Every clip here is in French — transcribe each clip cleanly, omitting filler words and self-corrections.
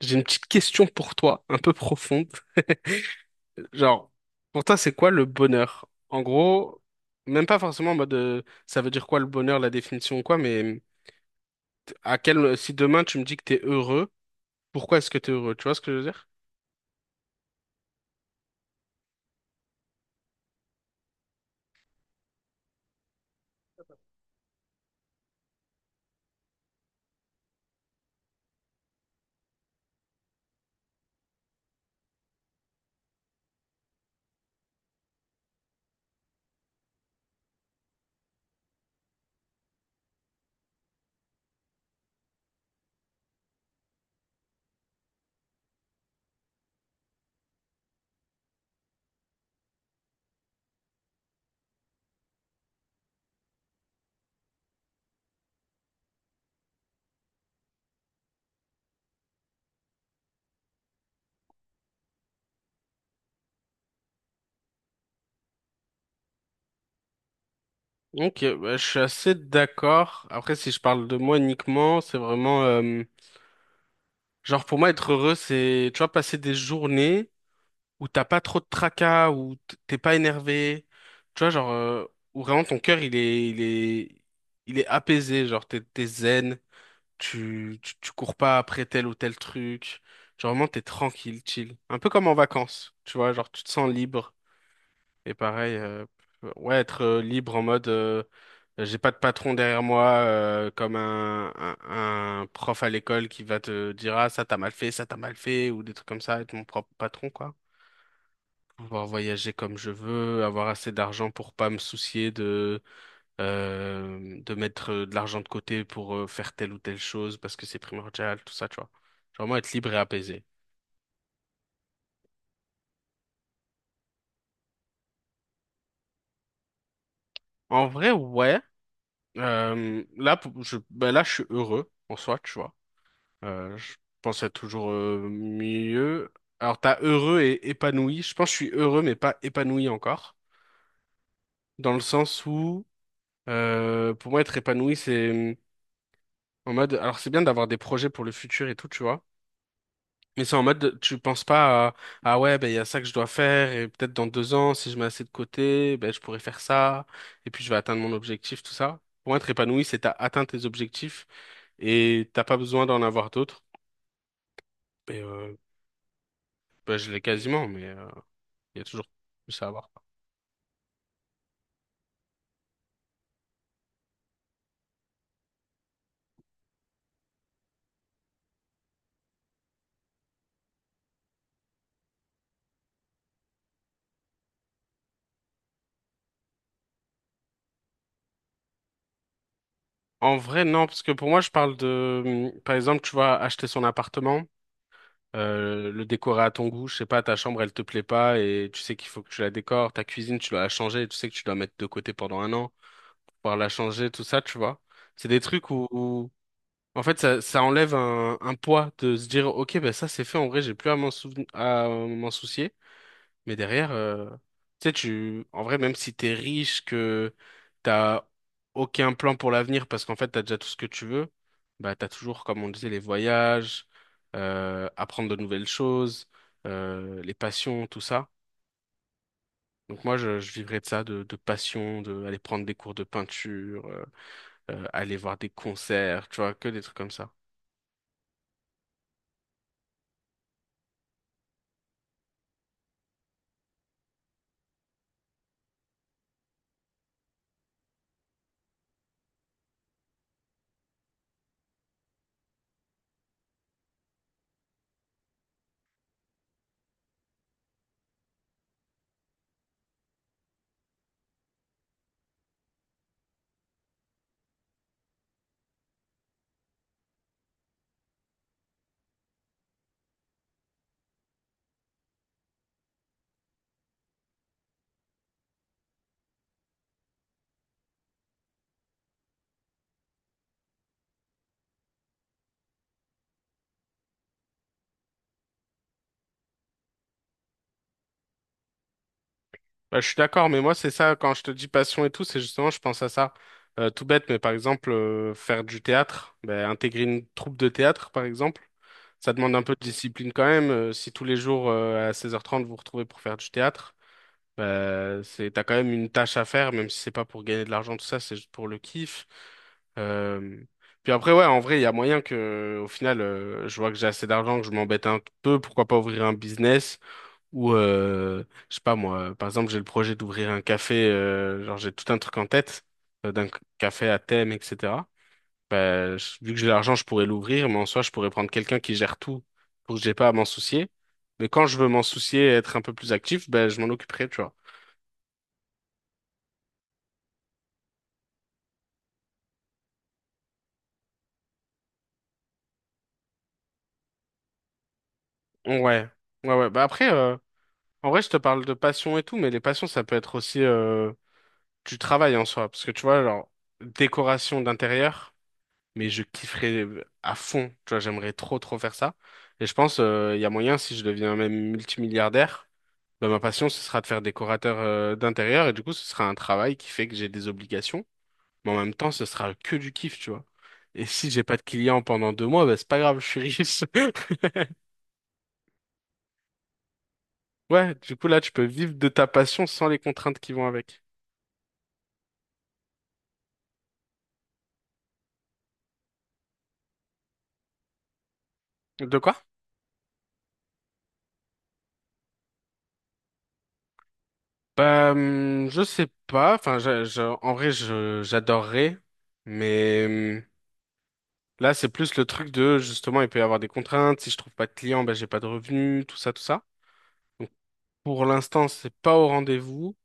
J'ai une petite question pour toi, un peu profonde. Genre, pour toi, c'est quoi le bonheur? En gros, même pas forcément en mode ça veut dire quoi le bonheur, la définition ou quoi, mais à quel si demain tu me dis que t'es heureux, pourquoi est-ce que t'es heureux? Tu vois ce que je veux dire? Ok, bah, je suis assez d'accord. Après, si je parle de moi uniquement, c'est vraiment genre pour moi être heureux, c'est tu vois passer des journées Où t'as pas trop de tracas, où t'es pas énervé, tu vois, genre, où vraiment ton cœur, il est apaisé, genre, t'es zen, tu cours pas après tel ou tel truc, genre, vraiment, t'es tranquille, chill. Un peu comme en vacances, tu vois, genre, tu te sens libre, et pareil, ouais, être libre en mode, j'ai pas de patron derrière moi, comme un prof à l'école qui va te dire, ah, ça t'as mal fait, ça t'as mal fait, ou des trucs comme ça, être mon propre patron, quoi. Pouvoir voyager comme je veux, avoir assez d'argent pour pas me soucier de mettre de l'argent de côté pour faire telle ou telle chose parce que c'est primordial, tout ça, tu vois. Genre vraiment être libre et apaisé. En vrai, ouais. Là, ben là, je suis heureux en soi, tu vois. Je pense être toujours mieux. Alors, t'as heureux et épanoui. Je pense que je suis heureux, mais pas épanoui encore. Dans le sens où, pour moi, être épanoui, c'est en mode, alors c'est bien d'avoir des projets pour le futur et tout, tu vois. Mais c'est en mode, tu penses pas à, ah ouais, ben il y a ça que je dois faire et peut-être dans 2 ans, si je mets assez de côté, ben je pourrais faire ça et puis je vais atteindre mon objectif, tout ça. Pour être épanoui, c'est t'as atteint tes objectifs et t'as pas besoin d'en avoir d'autres. Et ben, je l'ai quasiment, mais il y a toujours plus à avoir. En vrai, non, parce que pour moi, je parle de, par exemple, tu vas acheter son appartement, le décorer à ton goût, je sais pas, ta chambre, elle te plaît pas et tu sais qu'il faut que tu la décores, ta cuisine, tu dois la changer, tu sais que tu dois mettre de côté pendant un an. Pouvoir la changer, tout ça, tu vois. C'est des trucs où, en fait, ça enlève un poids de se dire, ok, ben ça c'est fait, en vrai, j'ai plus à m'en à m'en soucier. Mais derrière, tu sais, tu, en vrai, même si t'es riche, que t'as aucun plan pour l'avenir parce qu'en fait, t'as déjà tout ce que tu veux, bah, t'as toujours, comme on disait, les voyages, apprendre de nouvelles choses, les passions, tout ça. Donc moi, je vivrais de ça, de passion, de aller prendre des cours de peinture, aller voir des concerts, tu vois, que des trucs comme ça. Bah, je suis d'accord, mais moi, c'est ça, quand je te dis passion et tout, c'est justement, je pense à ça. Tout bête, mais par exemple, faire du théâtre, bah, intégrer une troupe de théâtre, par exemple, ça demande un peu de discipline quand même. Si tous les jours, à 16h30 vous vous retrouvez pour faire du théâtre, c'est, t'as quand même une tâche à faire, même si c'est pas pour gagner de l'argent, tout ça, c'est juste pour le kiff. Euh, Puis après, ouais, en vrai, il y a moyen que, au final, je vois que j'ai assez d'argent, que je m'embête un peu, pourquoi pas ouvrir un business ou, je sais pas moi, par exemple, j'ai le projet d'ouvrir un café, genre j'ai tout un truc en tête, d'un café à thème, etc. Vu que j'ai l'argent, je pourrais l'ouvrir, mais en soi, je pourrais prendre quelqu'un qui gère tout pour que j'ai pas à m'en soucier. Mais quand je veux m'en soucier, être un peu plus actif, ben je m'en occuperai, tu vois. Ouais, ouais, ouais. Bah après, en vrai, je te parle de passion et tout, mais les passions, ça peut être aussi du travail en soi. Parce que tu vois, genre, décoration d'intérieur, mais je kifferais à fond. Tu vois, j'aimerais trop, trop faire ça. Et je pense, il y a moyen, si je deviens même multimilliardaire, bah, ma passion, ce sera de faire décorateur d'intérieur. Et du coup, ce sera un travail qui fait que j'ai des obligations. Mais en même temps, ce sera que du kiff, tu vois. Et si j'ai pas de clients pendant 2 mois, bah, c'est pas grave, je suis riche. Ouais, du coup là tu peux vivre de ta passion sans les contraintes qui vont avec. De quoi? Bah, je sais pas. Enfin, en vrai, je, j'adorerais. Mais là, c'est plus le truc de, justement, il peut y avoir des contraintes. Si je trouve pas de clients, bah, j'ai pas de revenus, tout ça, tout ça. Donc, pour l'instant, c'est pas au rendez-vous.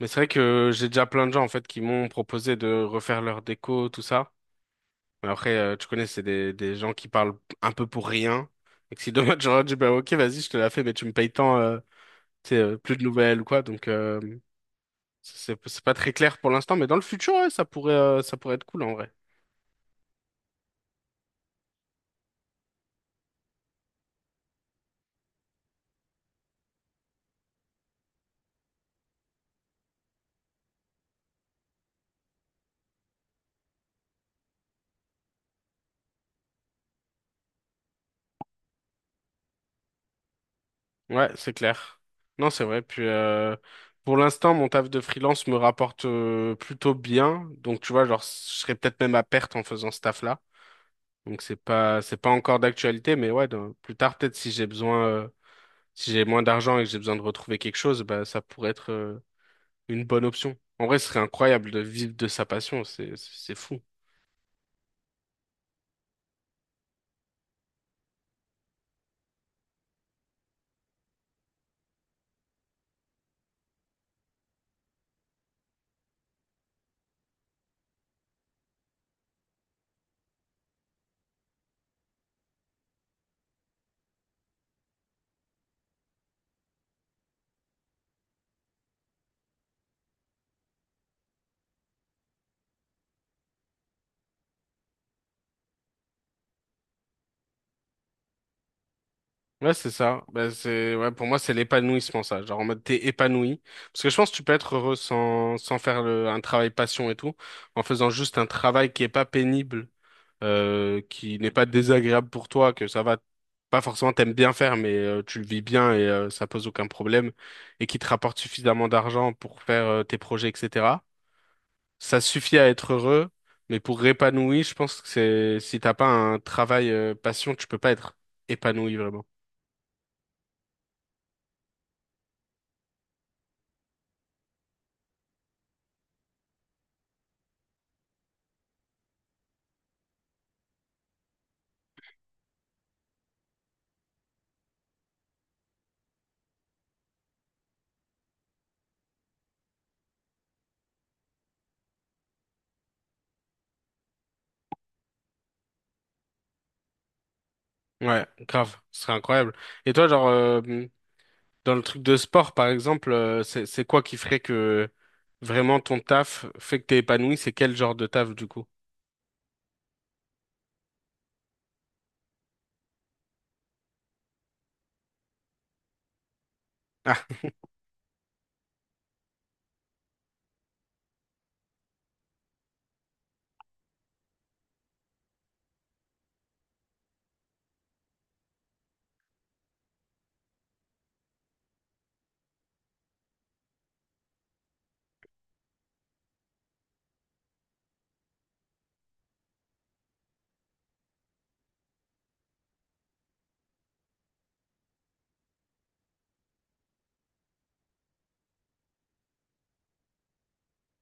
Mais c'est vrai que j'ai déjà plein de gens, en fait, qui m'ont proposé de refaire leur déco, tout ça. Mais après, tu connais, c'est des gens qui parlent un peu pour rien. Et que si demain, j'aurais dit, bah, ok, vas-y, je te la fais, mais tu me payes tant, c'est plus de nouvelles ou quoi. Donc c'est pas très clair pour l'instant, mais dans le futur, ouais, ça pourrait être cool en vrai. Ouais, c'est clair. Non, c'est vrai. Puis pour l'instant, mon taf de freelance me rapporte plutôt bien. Donc tu vois, genre je serais peut-être même à perte en faisant ce taf-là. Donc c'est pas encore d'actualité, mais ouais, dans- plus tard peut-être si j'ai besoin si j'ai moins d'argent et que j'ai besoin de retrouver quelque chose, bah ça pourrait être une bonne option. En vrai, ce serait incroyable de vivre de sa passion, c'est fou. Ouais, c'est ça. Bah, c'est, ouais, pour moi, c'est l'épanouissement, ça. Genre, en mode, t'es épanoui. Parce que je pense que tu peux être heureux sans faire un travail passion et tout, en faisant juste un travail qui est pas pénible, qui n'est pas désagréable pour toi, que ça va, pas forcément t'aimes bien faire, mais tu le vis bien et ça pose aucun problème, et qui te rapporte suffisamment d'argent pour faire tes projets, etc. Ça suffit à être heureux, mais pour épanoui, je pense que c'est, si t'as pas un travail passion, tu peux pas être épanoui vraiment. Ouais, grave, ce serait incroyable. Et toi, genre, dans le truc de sport, par exemple, c'est quoi qui ferait que vraiment ton taf fait que t'es épanoui? C'est quel genre de taf, du coup? Ah,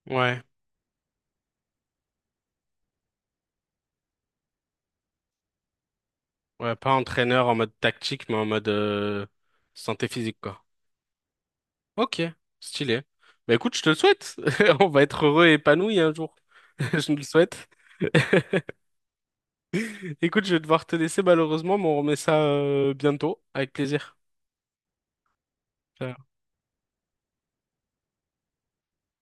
ouais, ouais, pas entraîneur en mode tactique, mais en mode santé physique, quoi. Ok, stylé. Bah écoute, je te le souhaite. On va être heureux et épanoui un jour. Je nous le souhaite. Écoute, je vais devoir te laisser malheureusement, mais on remet ça bientôt, avec plaisir.